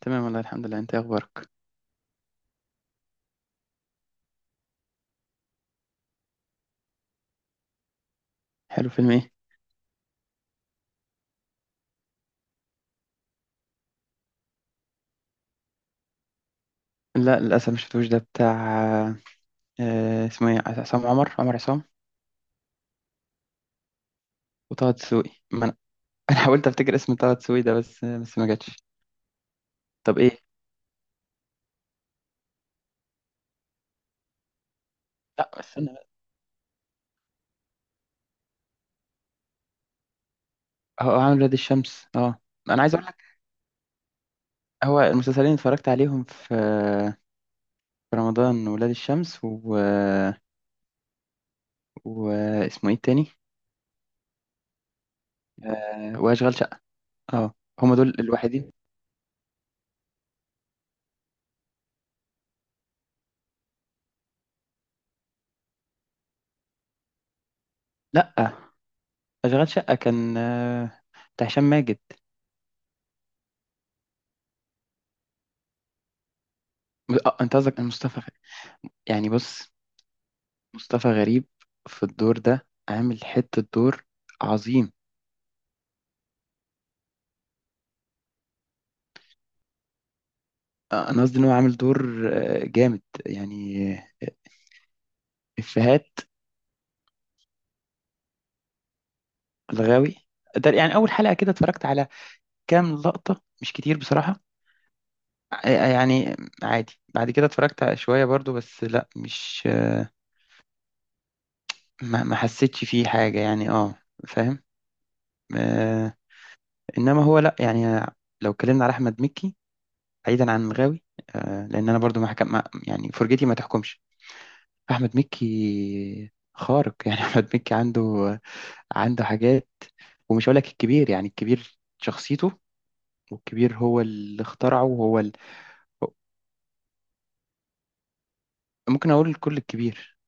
تمام والله الحمد لله. انت ايه اخبارك؟ حلو. فيلم ايه؟ لا، للاسف مش شفتوش. ده بتاع اسمه ايه؟ عصام عمر عصام. وطه دسوقي. ما انا انا حاولت افتكر اسم طه دسوقي ده، بس ما جاتش. طب ايه؟ لا، استنى بقى. هو عامل ولاد الشمس، اه. انا عايز اقول لك، هو المسلسلين اللي اتفرجت عليهم في رمضان، ولاد الشمس و. واسمه ايه التاني؟ واشغال شقة. اه. هما دول الوحيدين. لا، اشغال شقة كان بتاع هشام ماجد. اه، انت قصدك مصطفى. يعني بص، مصطفى غريب في الدور ده عامل حتة دور عظيم. أنا قصدي إن هو عامل دور جامد يعني إفيهات الغاوي. ده يعني أول حلقة كده اتفرجت على كام لقطة، مش كتير بصراحة. يعني عادي، بعد كده اتفرجت على شوية برضو، بس لا مش ما حسيتش فيه حاجة، يعني اه، فاهم. آه، إنما هو لا يعني، لو اتكلمنا على أحمد مكي بعيدا عن الغاوي. لأن أنا برضو ما حكم ما- يعني فرجتي ما تحكمش. احمد مكي خارق يعني احمد مكي عنده حاجات. ومش هقول لك الكبير، يعني الكبير شخصيته، والكبير هو اللي اخترعه وهو ممكن اقول الكل الكبير،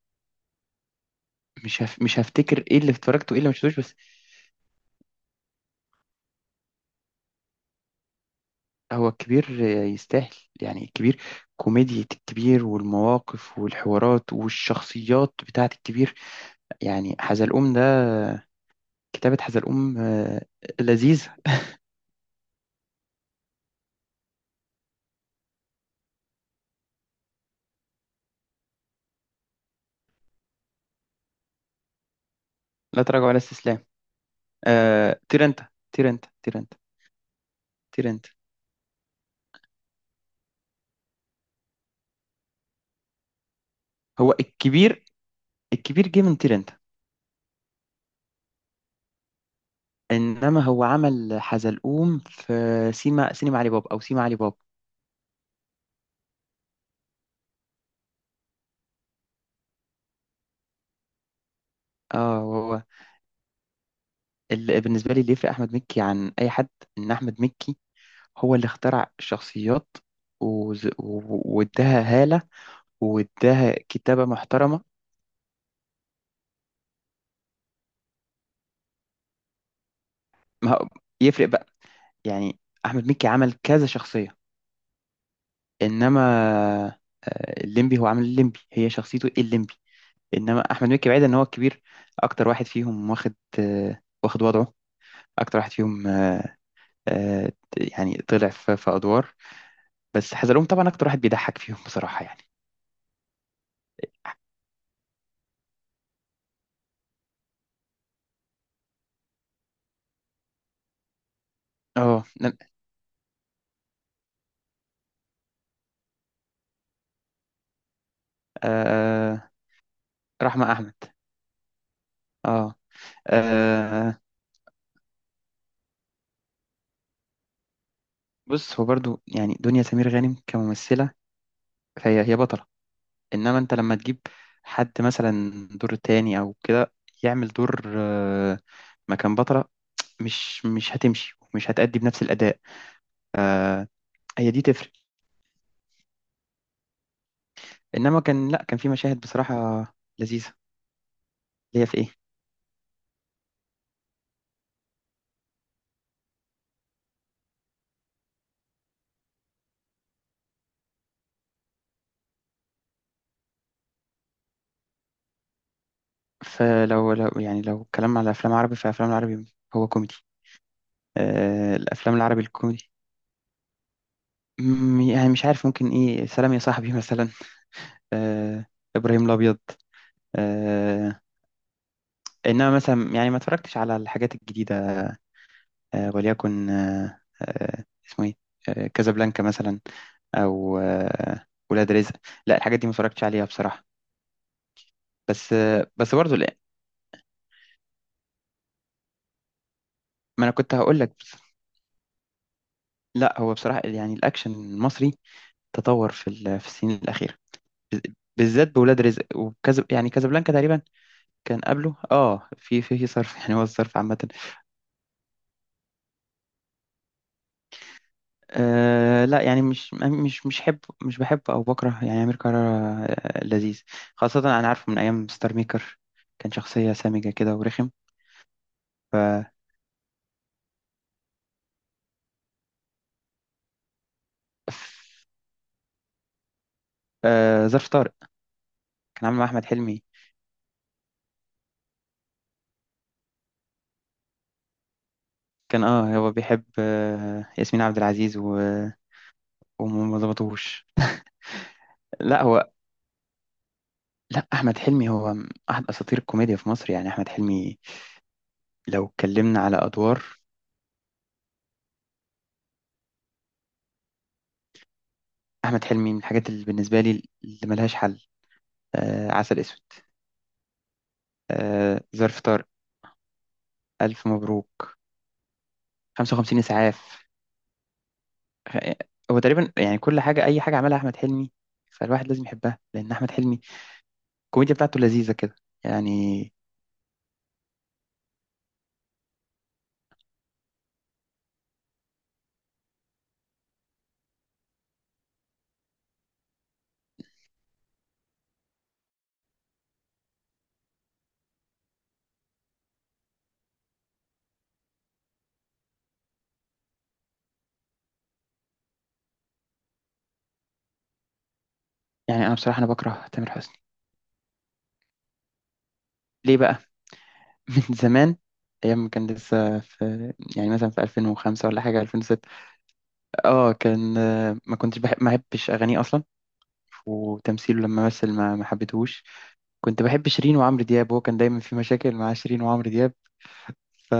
مش هفتكر ايه اللي اتفرجته وايه اللي ما شفتوش، بس. هو الكبير يستاهل، يعني الكبير، كوميديا الكبير والمواقف والحوارات والشخصيات بتاعت الكبير، يعني حزلقوم ده. كتابة حزلقوم لذيذة. لا تراجع ولا استسلام. تيرنتا تيرنتا تيرنتا تيرنتا. هو الكبير، الكبير جه من تيرنتا. انما هو عمل حزلقوم في سيما سينما علي بابا، او سيما علي بابا. اه، هو بالنسبه لي اللي يفرق احمد مكي عن اي حد، ان احمد مكي هو اللي اخترع الشخصيات، واداها هاله، واداها كتابه محترمه. ما هو- يفرق بقى يعني، احمد مكي عمل كذا شخصيه. انما الليمبي هو عمل الليمبي، هي شخصيته الليمبي. انما احمد مكي بعيد ان هو الكبير اكتر واحد فيهم، واخد وضعه، اكتر واحد فيهم آه، يعني طلع في ادوار، بس حزلقوم طبعا اكتر واحد بيضحك فيهم بصراحه يعني. اه آه، رحمه احمد. اه. آه، بص، هو برضو يعني دنيا سمير غانم كممثله، فهي هي بطله. انما انت لما تجيب حد مثلا دور تاني او كده، يعمل دور مكان بطله، مش هتمشي، مش هتأدي بنفس الاداء. آه، هي دي تفرق. انما كان، لا كان في مشاهد بصراحه لذيذه. اللي هي في ايه؟ فلو يعني لو اتكلمنا على افلام عربي، فافلام العربي هو كوميدي. الافلام العربي الكوميدي. يعني مش عارف، ممكن ايه؟ سلام يا صاحبي مثلا. آه ابراهيم الابيض. آه انما مثلا يعني ما اتفرجتش على الحاجات الجديده. وليكن اسمه ايه؟ كازابلانكا مثلا، او ولاد رزق. لا، الحاجات دي ما اتفرجتش عليها بصراحه. بس برضه لا. ما انا كنت هقول لك. لا، هو بصراحة يعني الأكشن المصري تطور في السنين الأخيرة، بالذات بولاد رزق وكذا، يعني كازابلانكا تقريبا. كان قبله في صرف، يعني هو الصرف عامة. لا يعني مش. مش مش حب مش بحب او بكره، يعني امير كرارة لذيذ. خاصة انا عارفه من ايام ستار ميكر، كان شخصية سامجة كده ورخم. ف ف- ظرف طارق كان عامل مع احمد حلمي، كان هو بيحب ياسمين عبد العزيز و. وما ظبطوش. لا هو لا، احمد حلمي هو احد اساطير الكوميديا في مصر، يعني احمد حلمي. لو اتكلمنا على ادوار، احمد حلمي من الحاجات اللي بالنسبه لي اللي ملهاش حل. عسل اسود، ظرف طارق، الف مبروك، 55 اسعاف. آه، هو تقريبا يعني كل حاجه، اي حاجه عملها احمد حلمي فالواحد لازم يحبها، لان احمد حلمي الكوميديا بتاعته لذيذه كده يعني. يعني انا بصراحه، انا بكره تامر حسني. ليه بقى؟ من زمان، ايام ما كان لسه في، يعني مثلا في 2005 ولا حاجه، 2006، اه كان ما كنتش بحب، ما بحبش اغانيه اصلا. وتمثيله لما مثل ما حبيتهوش. كنت بحب شيرين وعمرو دياب، هو كان دايما في مشاكل مع شيرين وعمرو دياب. ف-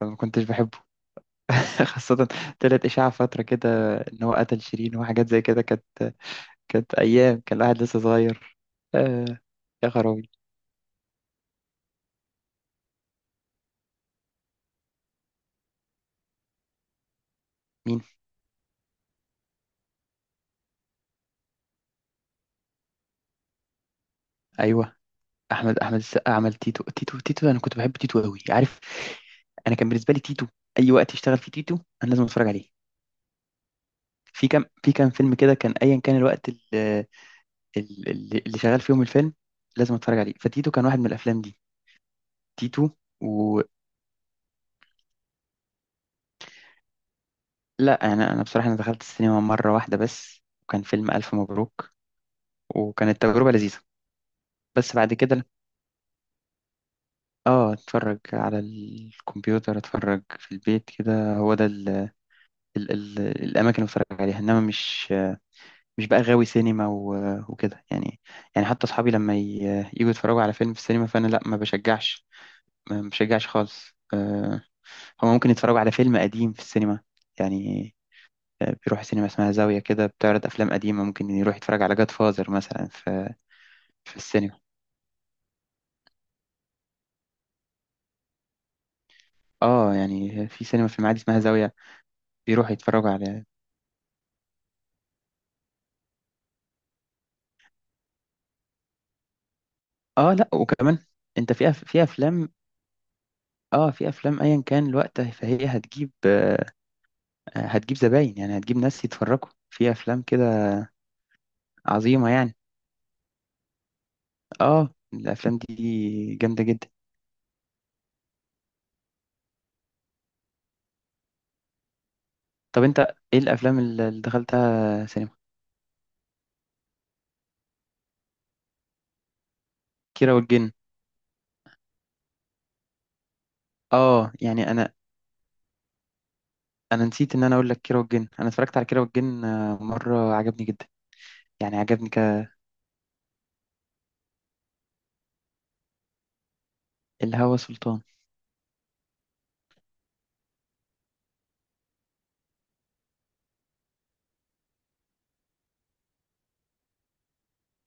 فما كنتش بحبه. خاصة طلعت إشاعة فترة كده إن هو قتل شيرين، وحاجات زي كده كانت أيام كان الواحد لسه صغير. آه يا خرابي. مين؟ أيوه، أحمد السقا عمل تيتو. تيتو تيتو، أنا كنت بحب تيتو أوي، عارف. أنا كان بالنسبة لي تيتو، أي وقت يشتغل فيه تيتو أنا لازم أتفرج عليه. في كام فيلم كده كان، ايا كان الوقت اللي شغال فيهم الفيلم لازم اتفرج عليه، فتيتو كان واحد من الافلام دي. تيتو. ولا. انا بصراحه، انا دخلت السينما مره واحده بس، وكان فيلم الف مبروك، وكانت تجربه لذيذه. بس بعد كده اه اتفرج على الكمبيوتر، اتفرج في البيت كده، هو ده ال ال ال الاماكن اللي بتفرج عليها، انما مش بقى غاوي سينما وكده يعني. يعني حتى اصحابي لما يجوا يتفرجوا على فيلم في السينما، فانا لا، ما بشجعش، ما مشجعش خالص هما ممكن يتفرجوا على فيلم قديم في السينما يعني. بيروح سينما اسمها زاوية كده، بتعرض أفلام قديمة، ممكن يروح يتفرج على جاد فازر مثلا في، في السينما. اه، يعني في سينما في المعادي اسمها زاوية، بيروح يتفرجوا على. اه، لا، وكمان انت في في أفلام، اه، في أفلام أيا كان الوقت فهي هتجيب زباين، يعني هتجيب ناس يتفرجوا في أفلام كده عظيمة يعني. اه، الأفلام دي جامدة جدا. طب انت ايه الأفلام اللي دخلتها سينما؟ كيرة والجن، اه، يعني انا، انا نسيت ان انا اقول لك كيرة والجن، انا اتفرجت على كيرة والجن مره، عجبني جدا، يعني عجبني الهوى سلطان.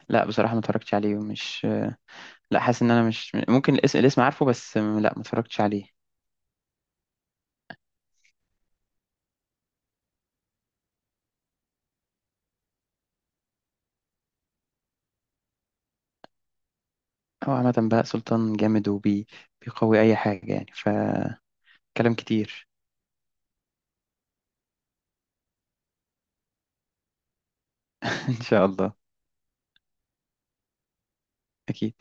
لا بصراحه ما اتفرجتش عليه، ومش، لا حاسس ان انا مش ممكن، الاسم عارفه بس لا، ما اتفرجتش عليه. هو عامه بقى سلطان جامد وبيقوي اي حاجه، يعني فكلام كتير. ان شاء الله. اكيد.